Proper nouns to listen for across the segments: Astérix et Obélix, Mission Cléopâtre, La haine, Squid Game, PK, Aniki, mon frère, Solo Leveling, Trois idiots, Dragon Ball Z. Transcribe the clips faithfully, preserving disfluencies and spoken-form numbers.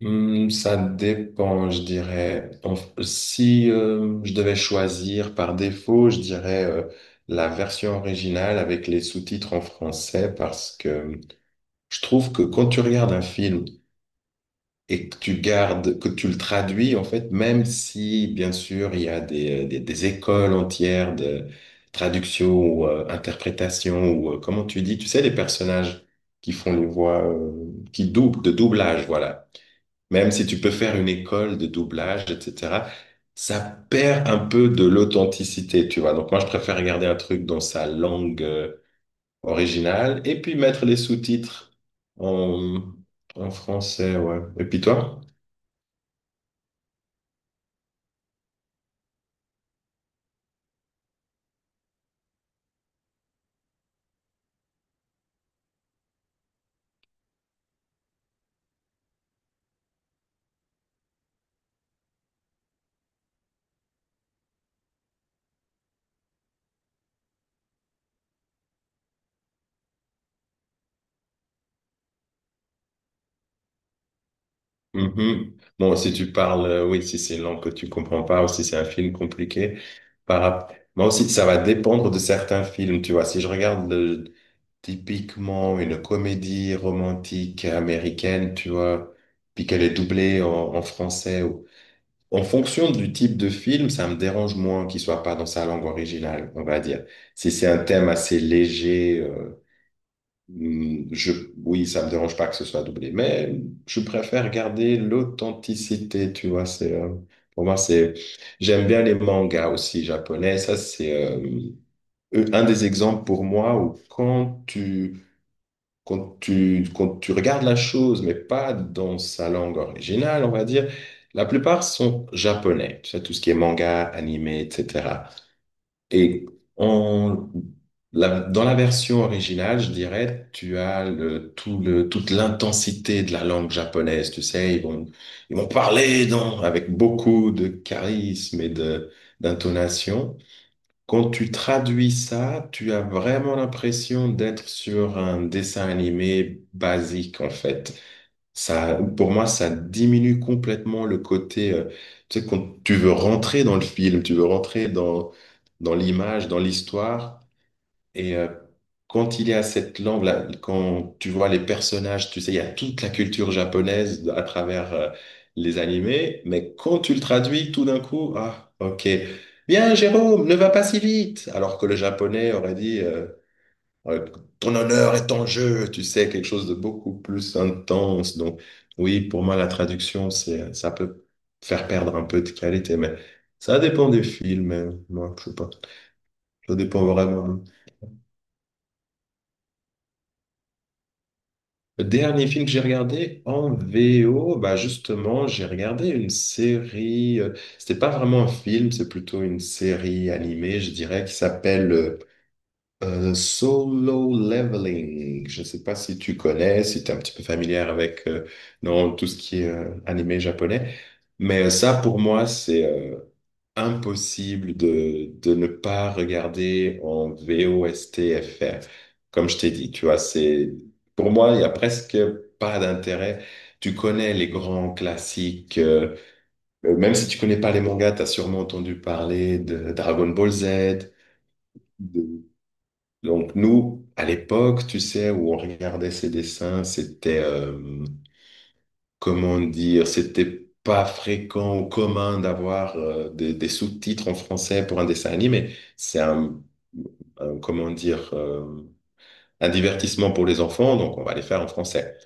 Hmm, ça dépend, je dirais. En f- si euh, je devais choisir par défaut, je dirais euh, la version originale avec les sous-titres en français parce que je trouve que quand tu regardes un film et que tu gardes, que tu le traduis, en fait, même si, bien sûr, il y a des, euh, des, des écoles entières de traduction ou euh, interprétation ou euh, comment tu dis, tu sais, les personnages qui font les voix, euh, qui doublent, de doublage, voilà. Même si tu peux faire une école de doublage, et cetera, ça perd un peu de l'authenticité, tu vois. Donc moi, je préfère regarder un truc dans sa langue euh, originale et puis mettre les sous-titres en, en français, ouais. Et puis toi? Mhm. Bon, si tu parles, euh, oui, si c'est une langue que tu comprends pas ou si c'est un film compliqué, par... rap- moi aussi, ça va dépendre de certains films, tu vois. Si je regarde typiquement une comédie romantique américaine, tu vois, puis qu'elle est doublée en, en français. ou- En fonction du type de film, ça me dérange moins qu'il soit pas dans sa langue originale, on va dire. Si c'est un thème assez léger, euh, hmm, je, oui, ça me dérange pas que ce soit doublé, mais je préfère garder l'authenticité, tu vois, c'est, euh, pour moi, c'est, j'aime bien les mangas aussi japonais, ça, c'est, euh, un des exemples pour moi où quand tu, quand tu, quand tu regardes la chose, mais pas dans sa langue originale, on va dire, la plupart sont japonais, tu sais, tout ce qui est manga, animé, et cetera. Et en, la- dans la version originale, je dirais, tu as le, tout le, toute l'intensité de la langue japonaise, tu sais, ils vont, ils vont parler dans, avec beaucoup de charisme et de, d'intonation. Quand tu traduis ça, tu as vraiment l'impression d'être sur un dessin animé basique, en fait. Ça, pour moi, ça diminue complètement le côté, euh, tu sais, quand tu veux rentrer dans le film, tu veux rentrer dans, dans l'image, dans l'histoire. Et euh, quand il est à cette langue, là, quand tu vois les personnages, tu sais, il y a toute la culture japonaise à travers euh, les animés, mais quand tu le traduis, tout d'un coup, ah, ok, bien, Jérôme, ne va pas si vite, alors que le japonais aurait dit, euh, euh, ton honneur est en jeu, tu sais, quelque chose de beaucoup plus intense. Donc, oui, pour moi, la traduction, c'est, ça peut faire perdre un peu de qualité, mais ça dépend des films, euh, moi, je sais pas, ça dépend vraiment. Le dernier film que j'ai regardé en V O, bah justement, j'ai regardé une série. euh, C'était pas vraiment un film, c'est plutôt une série animée, je dirais, qui s'appelle euh, euh, Solo Leveling. Je sais pas si tu connais, si tu es un petit peu familière avec euh, non, tout ce qui est euh, animé japonais. Mais euh, ça, pour moi, c'est euh, impossible de, de ne pas regarder en V O S T F R. Comme je t'ai dit, tu vois, c'est, pour moi, il y a presque pas d'intérêt. Tu connais les grands classiques, euh, euh, même si tu connais pas les mangas, tu as sûrement entendu parler de Dragon Ball Z. de- Donc nous, à l'époque, tu sais, où on regardait ces dessins, c'était euh, comment dire, c'était pas fréquent ou commun d'avoir euh, des, des sous-titres en français pour un dessin animé. C'est un, un, comment dire, euh, un divertissement pour les enfants, donc on va les faire en français.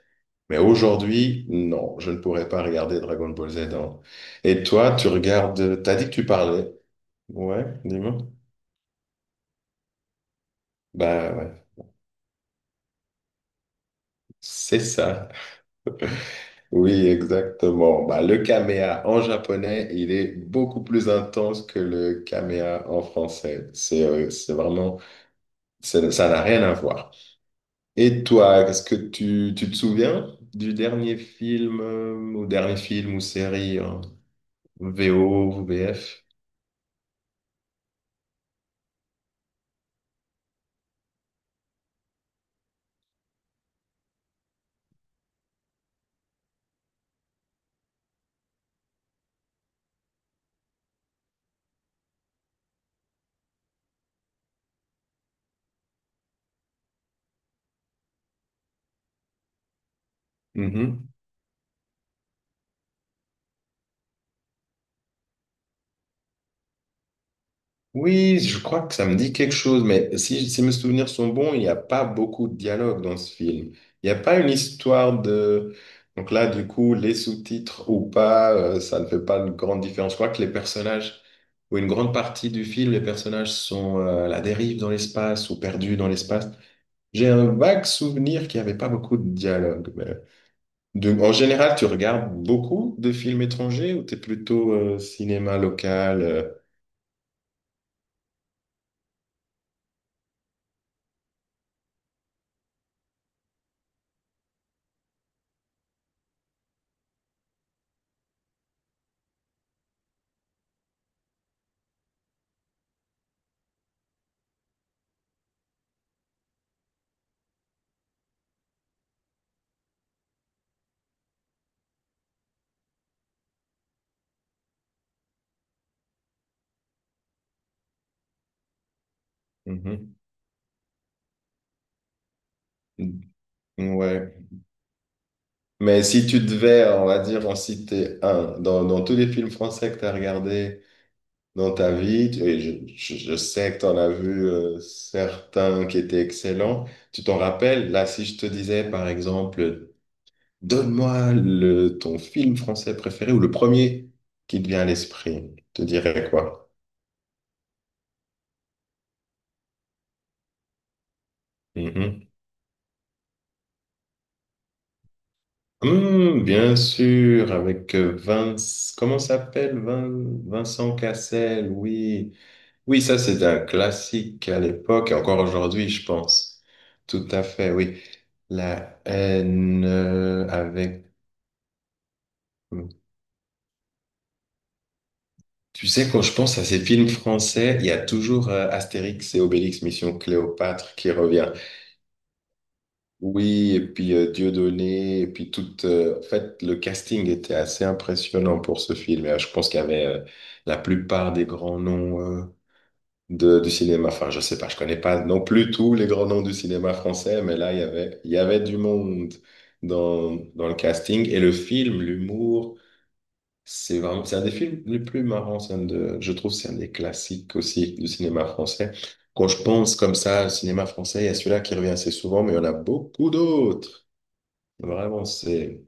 Mais aujourd'hui, non, je ne pourrais pas regarder Dragon Ball Z. en- Et toi, tu regardes, t'as dit que tu parlais. Ouais, dis-moi. Bah ouais, c'est ça. Oui, exactement. Bah, le kamea en japonais, il est beaucoup plus intense que le kamea en français. C'est euh, c'est vraiment, c'est- ça n'a rien à voir. Et toi, est-ce que tu, tu te souviens du dernier film euh, ou dernier film ou série en V O ou V F? Oui, je crois que ça me dit quelque chose, mais si, si mes souvenirs sont bons, il n'y a pas beaucoup de dialogue dans ce film. Il n'y a pas une histoire de... Donc là, du coup, les sous-titres ou pas, euh, ça ne fait pas de grande différence. Je crois que les personnages, ou une grande partie du film, les personnages sont euh, à la dérive dans l'espace ou perdus dans l'espace. J'ai un vague souvenir qu'il n'y avait pas beaucoup de dialogue. mais- De- En général, tu regardes beaucoup de films étrangers ou t'es plutôt euh, cinéma local euh, mhm. Ouais. Mais si tu devais, on va dire, en citer un, dans, dans tous les films français que tu as regardés dans ta vie, tu- et je, je, je sais que tu en as vu euh, certains qui étaient excellents, tu t'en rappelles? Là, si je te disais, par exemple, donne-moi le, ton film français préféré ou le premier qui te vient à l'esprit, te dirais quoi? Mhm. Hum, bien sûr, avec euh, Vince, comment s'appelle Vin- Vincent Cassel, oui. Oui, ça c'est un classique à l'époque et encore aujourd'hui, je pense. Tout à fait, oui. La haine euh, avec... hum, Tu sais, quand je pense à ces films français, il y a toujours euh, Astérix et Obélix, Mission Cléopâtre qui revient. Oui, et puis euh, Dieudonné, et puis tout... euh, En fait, le casting était assez impressionnant pour ce film. Et, euh, je pense qu'il y avait euh, la plupart des grands noms. euh, de- du cinéma. Enfin, je sais pas, je connais pas non plus tous les grands noms du cinéma français, mais là, il y avait, il y avait du monde dans, dans le casting. Et le film, l'humour, c'est vraiment, c'est un des films les plus marrants. C'est un de- je trouve, c'est un des classiques aussi du cinéma français. Quand je pense comme ça, au cinéma français, il y a celui-là qui revient assez souvent, mais il y en a beaucoup d'autres. Vraiment, c'est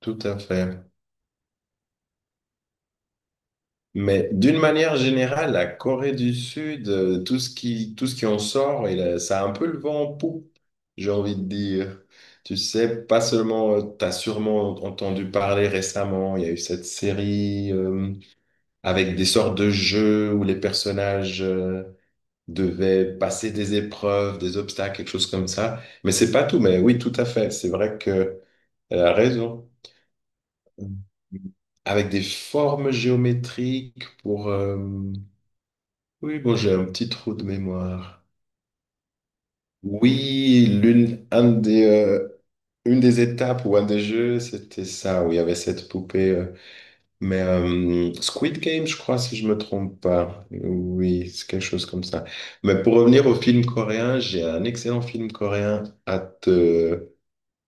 tout à fait. Mais d'une manière générale, la Corée du Sud, euh, tout ce qui, tout ce qui en sort, il a- ça a un peu le vent en poupe, j'ai envie de dire. Tu sais, pas seulement, tu as sûrement entendu parler récemment, il y a eu cette série euh, avec des sortes de jeux où les personnages euh, devaient passer des épreuves, des obstacles, quelque chose comme ça. Mais c'est pas tout, mais oui, tout à fait. C'est vrai que elle a raison avec des formes géométriques pour, euh, oui, bon, j'ai un petit trou de mémoire. Oui, l'une, un des, euh, une des étapes ou un des jeux, c'était ça, où il y avait cette poupée. euh, mais euh, Squid Game, je crois, si je me trompe pas. Oui, c'est quelque chose comme ça. Mais pour revenir au film coréen, j'ai un excellent film coréen à te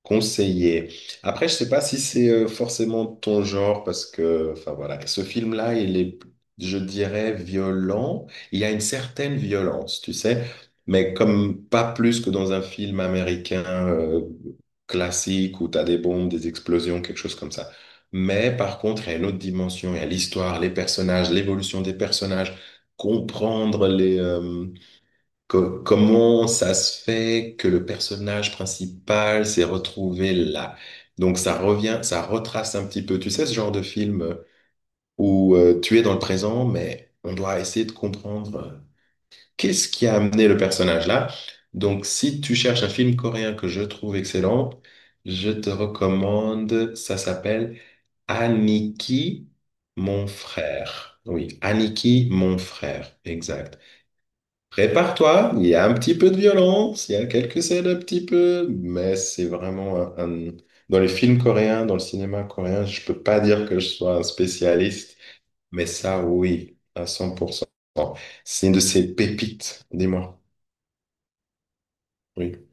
conseiller. Après, je sais pas si c'est euh, forcément ton genre parce que, enfin voilà, ce film-là, il est, je dirais, violent. Il y a une certaine violence, tu sais, mais comme pas plus que dans un film américain euh, classique où t'as des bombes, des explosions, quelque chose comme ça. Mais par contre, il y a une autre dimension, il y a l'histoire, les personnages, l'évolution des personnages, comprendre Co- comment ça se fait que le personnage principal s'est retrouvé là? Donc ça revient, ça retrace un petit peu, tu sais, ce genre de film euh, où euh, tu es dans le présent, mais on doit essayer de comprendre euh, qu'est-ce qui a amené le personnage là. Donc si tu cherches un film coréen que je trouve excellent, je te recommande, ça s'appelle Aniki, mon frère. Oui, Aniki, mon frère, exact. Prépare-toi, il y a un petit peu de violence, il y a quelques scènes un petit peu, mais c'est vraiment un, un- Dans les films coréens, dans le cinéma coréen, je peux pas dire que je sois un spécialiste, mais ça, oui, à cent pour cent. C'est une de ces pépites, dis-moi. Oui.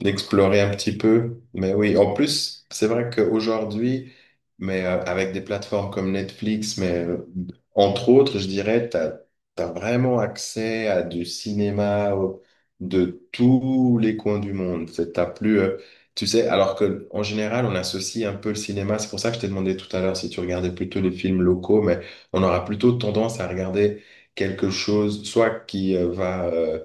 D'explorer un petit peu. Mais oui, en plus, c'est vrai qu'aujourd'hui, mais euh, avec des plateformes comme Netflix, mais euh, entre autres, je dirais, tu as, vraiment accès à du cinéma au- de tous les coins du monde. C'est- T'as plus, euh, tu sais, alors que en général, on associe un peu le cinéma. C'est pour ça que je t'ai demandé tout à l'heure si tu regardais plutôt les films locaux, mais on aura plutôt tendance à regarder quelque chose, soit qui euh, va euh,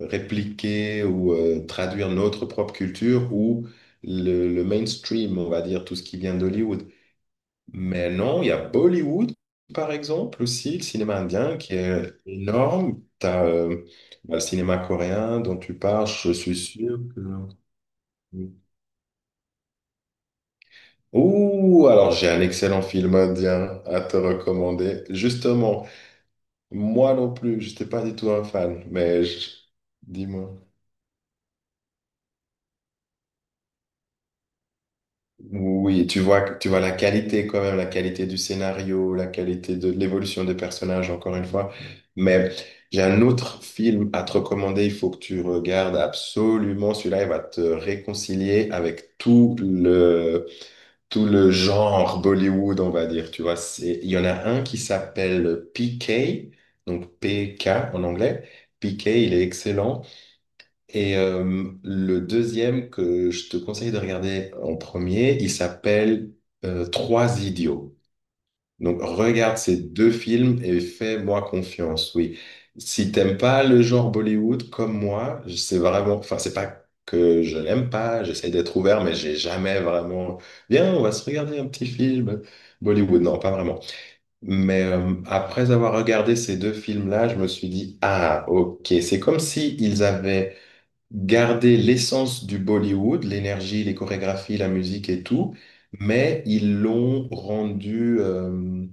répliquer ou euh, traduire notre propre culture ou le, le mainstream, on va dire, tout ce qui vient d'Hollywood. Mais non, il y a Bollywood, par exemple, aussi, le cinéma indien qui est énorme. T'as euh, bah, le cinéma coréen dont tu parles, je suis sûr que... Ouh, alors j'ai un excellent film indien à te recommander. Justement, moi non plus, je n'étais pas du tout un fan, mais je- dis-moi. Oui, tu vois, tu vois la qualité quand même, la qualité du scénario, la qualité de l'évolution des personnages, encore une fois. Mais j'ai un autre film à te recommander, il faut que tu regardes absolument. Celui-là, il va te réconcilier avec tout le, tout le genre Bollywood, on va dire. Tu vois, c'est, il y en a un qui s'appelle P K, donc P K en anglais. P K, il est excellent. Et euh, le deuxième que je te conseille de regarder en premier, il s'appelle euh, Trois idiots. Donc regarde ces deux films et fais-moi confiance, oui. Si t'aimes pas le genre Bollywood comme moi, c'est vraiment, enfin c'est pas que je l'aime pas, j'essaie d'être ouvert, mais j'ai jamais vraiment. Viens, on va se regarder un petit film Bollywood, non, pas vraiment. Mais euh, après avoir regardé ces deux films-là, je me suis dit, ah, ok, c'est comme si ils avaient garder l'essence du Bollywood, l'énergie, les chorégraphies, la musique et tout, mais ils l'ont rendu euh,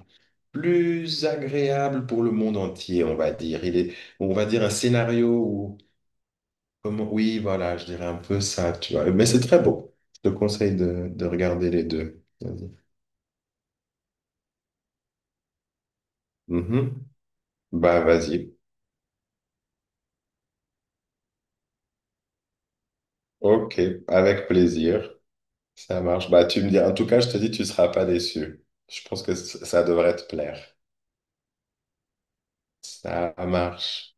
plus agréable pour le monde entier, on va dire. Il est, on va dire un scénario où, comment, oui, voilà, je dirais un peu ça, tu vois. Mais c'est très beau. Je te conseille de, de regarder les deux. Vas-y. Mhm. Bah, vas-y. Ok, avec plaisir. Ça marche. Bah, tu me dis, en tout cas, je te dis, tu seras pas déçu. Je pense que c- ça devrait te plaire. Ça marche.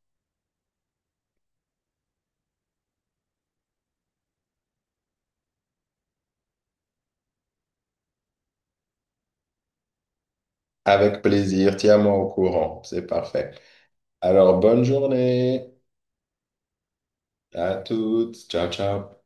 Avec plaisir, tiens-moi au courant, c'est parfait. Alors, bonne journée à toutes. Ciao, ciao.